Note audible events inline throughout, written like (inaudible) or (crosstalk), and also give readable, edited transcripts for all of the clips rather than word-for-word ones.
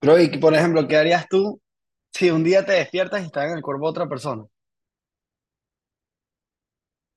Creo que, por ejemplo, ¿qué harías tú si un día te despiertas y estás en el cuerpo de otra persona?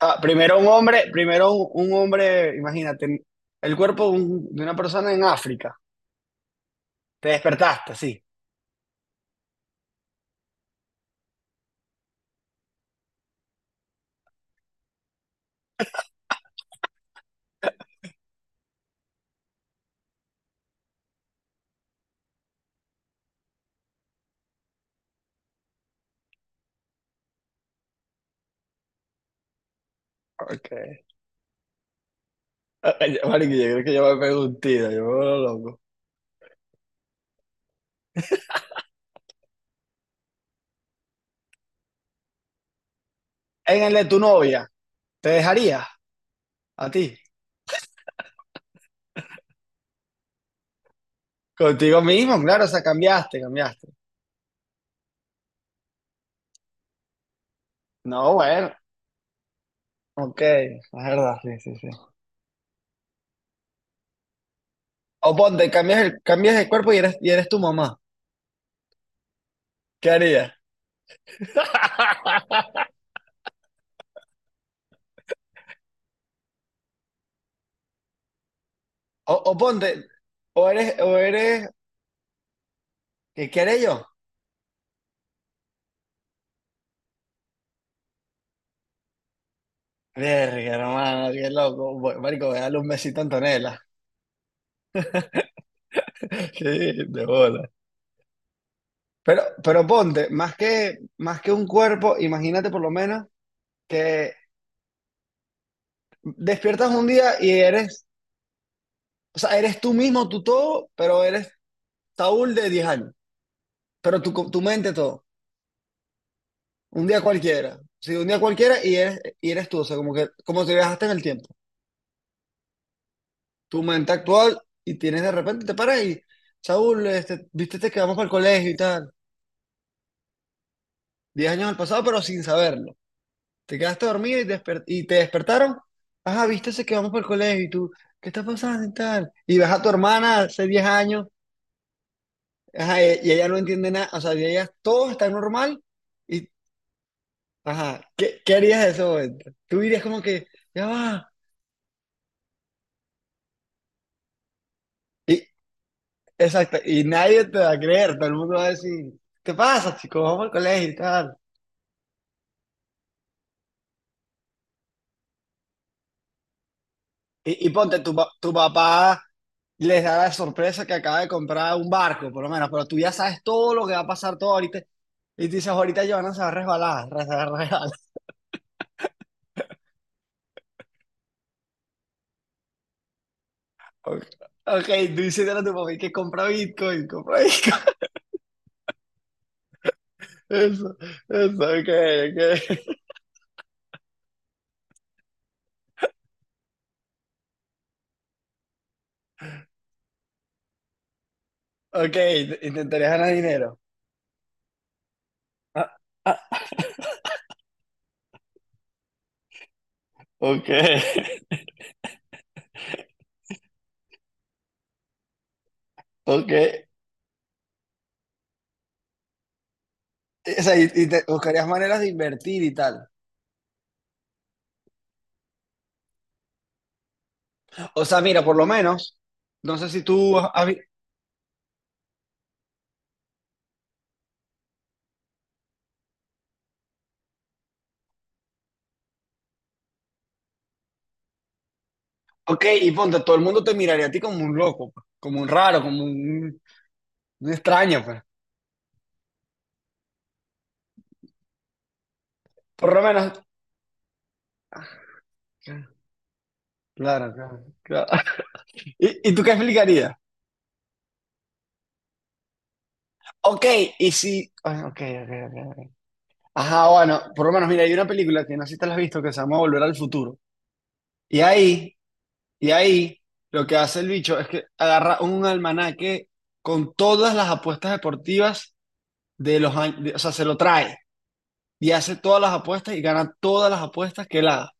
Ah, primero un hombre, imagínate, el cuerpo de una persona en África. Te despertaste, sí. Ok. Ay, Marico, yo creo que yo me pego un tiro, yo me vuelvo loco. En el de tu novia, ¿te dejaría a ti? Contigo mismo, claro, o sea, cambiaste, cambiaste. No, bueno, ok, es verdad, sí, sí, sí. O ponte, cambias el cuerpo y eres tu mamá. ¿Qué harías? (laughs) O ponte, o eres, o eres, ¿qué haré yo? Verga, hermano, qué loco. Marico, voy a darle un besito a Antonella. (laughs) Sí, de bola. Pero ponte, más que un cuerpo, imagínate por lo menos que despiertas un día y eres, o sea, eres tú mismo, tú todo, pero eres Saúl de 10 años. Pero tu mente todo. Un día cualquiera. Sí, un día cualquiera y eres tú. O sea, como que, como te viajaste en el tiempo. Tu mente actual y tienes de repente, te paras y, Saúl, viste, te quedamos para el colegio y tal. 10 años al pasado, pero sin saberlo. Te quedaste dormido y te despertaron, ajá, viste, se quedamos para el colegio y tú, ¿qué está pasando y tal? Y ves a tu hermana hace 10 años, ajá, y ella no entiende nada, o sea, y ella todo está normal y, ajá, ¿qué harías en ese momento? Tú dirías como que, ya va, y, exacto, y nadie te va a creer, todo el mundo va a decir, ¿qué pasa, chico? Vamos al colegio y tal. Y ponte, tu papá les da la sorpresa que acaba de comprar un barco, por lo menos, pero tú ya sabes todo lo que va a pasar todo ahorita. Y tú dices, ahorita Giovanna se va a resbalar, (laughs) se va a resbalar. Ok, ok, tú dices a tu papá que compra Bitcoin, compra Bitcoin. (laughs) Eso, eso, ok, ok. Ok, intentarías ganar dinero. Ah, ah, ok, (laughs) ok. O sea, y te buscarías maneras de invertir y tal. O sea, mira, por lo menos, no sé si tú has. Ok, y ponte, todo el mundo te miraría a ti como un loco, pues, como un raro, como un extraño, pues. Por lo menos. Claro, claro, claro. (laughs) ¿Y tú qué explicarías? Ok, y si. Ah, ok, ok, ok, ok. Ajá, bueno, por lo menos, mira, hay una película que no sé si te la has visto que se llama Volver al Futuro. Y ahí, y ahí, lo que hace el bicho es que agarra un almanaque con todas las apuestas deportivas de los años. O sea, se lo trae y hace todas las apuestas y gana todas las apuestas que él haga.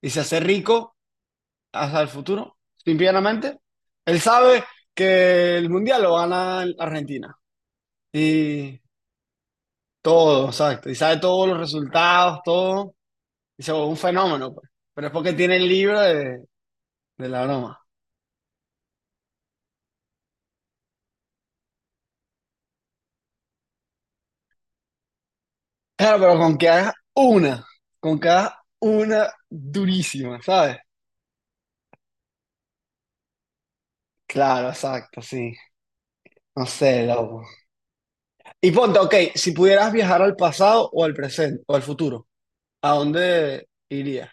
Y se hace rico hacia el futuro, simplemente. Él sabe que el mundial lo gana Argentina y todo, exacto. Y sabe todos los resultados, todo. Y se vuelve un fenómeno, pues. Pero es porque tiene el libro de la broma. Claro, pero con que hagas una durísima, ¿sabes? Claro, exacto, sí. No sé, loco. Y ponte, ok, si pudieras viajar al pasado o al presente o al futuro, ¿a dónde irías?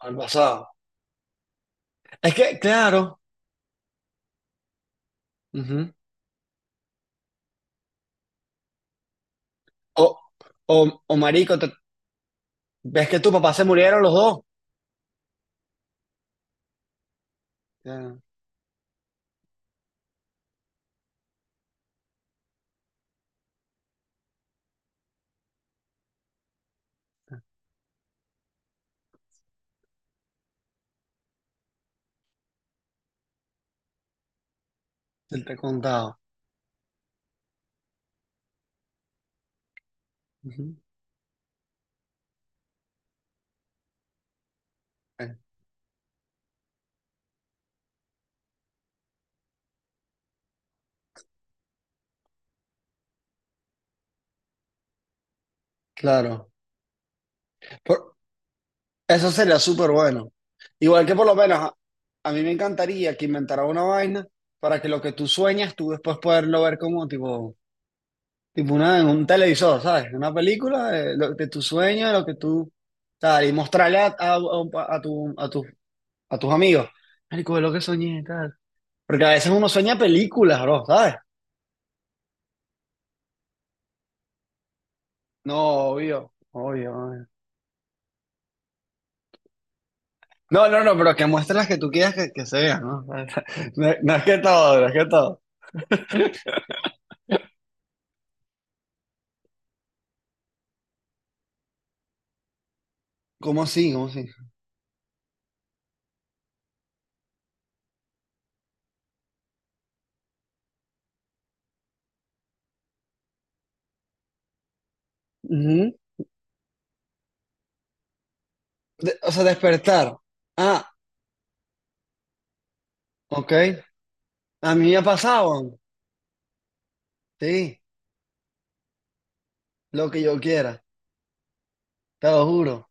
Al pasado. Es que, claro. Ujú. O, o, o marico, ves que tu papá se murieron los dos. Ya, te he contado. Ujú. Eh, Claro. Por- Eso sería súper bueno. Igual que por lo menos a mí me encantaría que inventara una vaina para que lo que tú sueñas, tú después poderlo ver como tipo una, en un televisor, ¿sabes? Una película de tu sueño, de lo que tú, tal, y mostrarle a, a un pa- a tu, a, tu- a tus amigos. Marico, ve lo que soñé, tal. Porque a veces uno sueña películas, bro, ¿sabes? No, obvio, obvio, obvio. No, no, no, pero que muestres las que tú quieras que se vean, ¿no? (laughs) No, es no es que todo, no es que todo. ¿Cómo sí? ¿Cómo sí? Ujú. O sea, despertar. Ah, ok. A mí me ha pasado, sí, lo que yo quiera, te lo juro.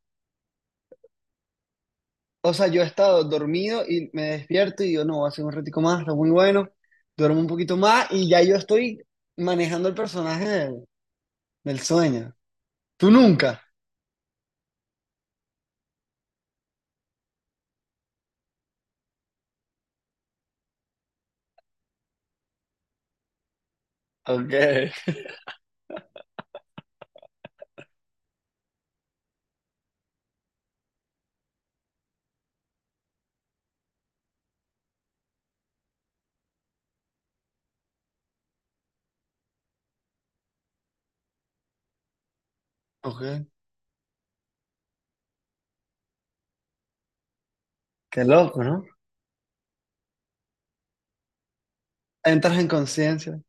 O sea, yo he estado dormido y me despierto y digo, no, voy a hacer un ratico más, está muy bueno. Duermo un poquito más y ya yo estoy manejando el personaje del sueño. Tú nunca. Ok. Ok. Qué loco, ¿no? Entras en conciencia.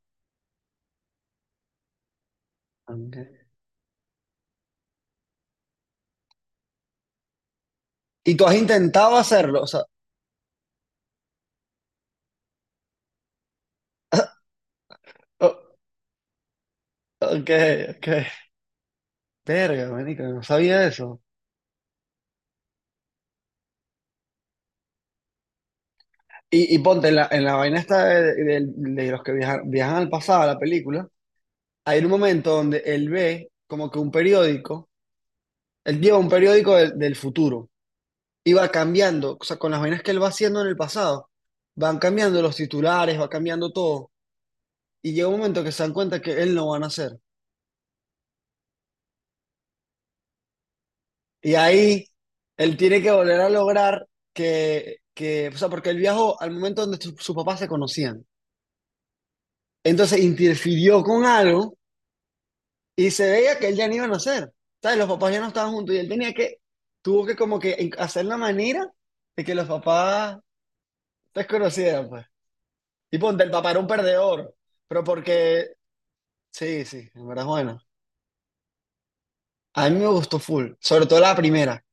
Ok. Y tú has intentado hacerlo, o sea, (laughs) oh, ok, ok. Verga, marico, no sabía eso. Y ponte en la vaina esta de los que viajan al pasado, a la película, hay un momento donde él ve como que un periódico, él lleva un periódico del futuro y va cambiando, o sea, con las vainas que él va haciendo en el pasado, van cambiando los titulares, va cambiando todo. Y llega un momento que se dan cuenta que él no va a nacer. Y ahí él tiene que volver a lograr o sea, porque él viajó al momento donde sus papás se conocían. Entonces interfirió con algo y se veía que él ya no iba a nacer. ¿Sabes? Los papás ya no estaban juntos y él tenía que, tuvo que como que hacer la manera de que los papás se conocieran pues. Y ponte, el papá era un perdedor, pero porque, sí, sí, en verdad es bueno. A mí me gustó full, sobre todo la primera.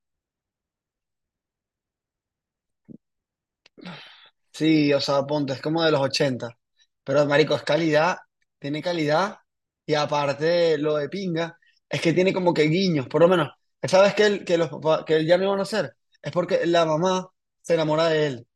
Sí, o sea, ponte, es como de los ochenta. Pero, marico, es calidad, tiene calidad. Y aparte, lo de pinga, es que tiene como que guiños, por lo menos. ¿Sabes que él, que los papás, que él ya no iban a hacer? Es porque la mamá se enamora de él.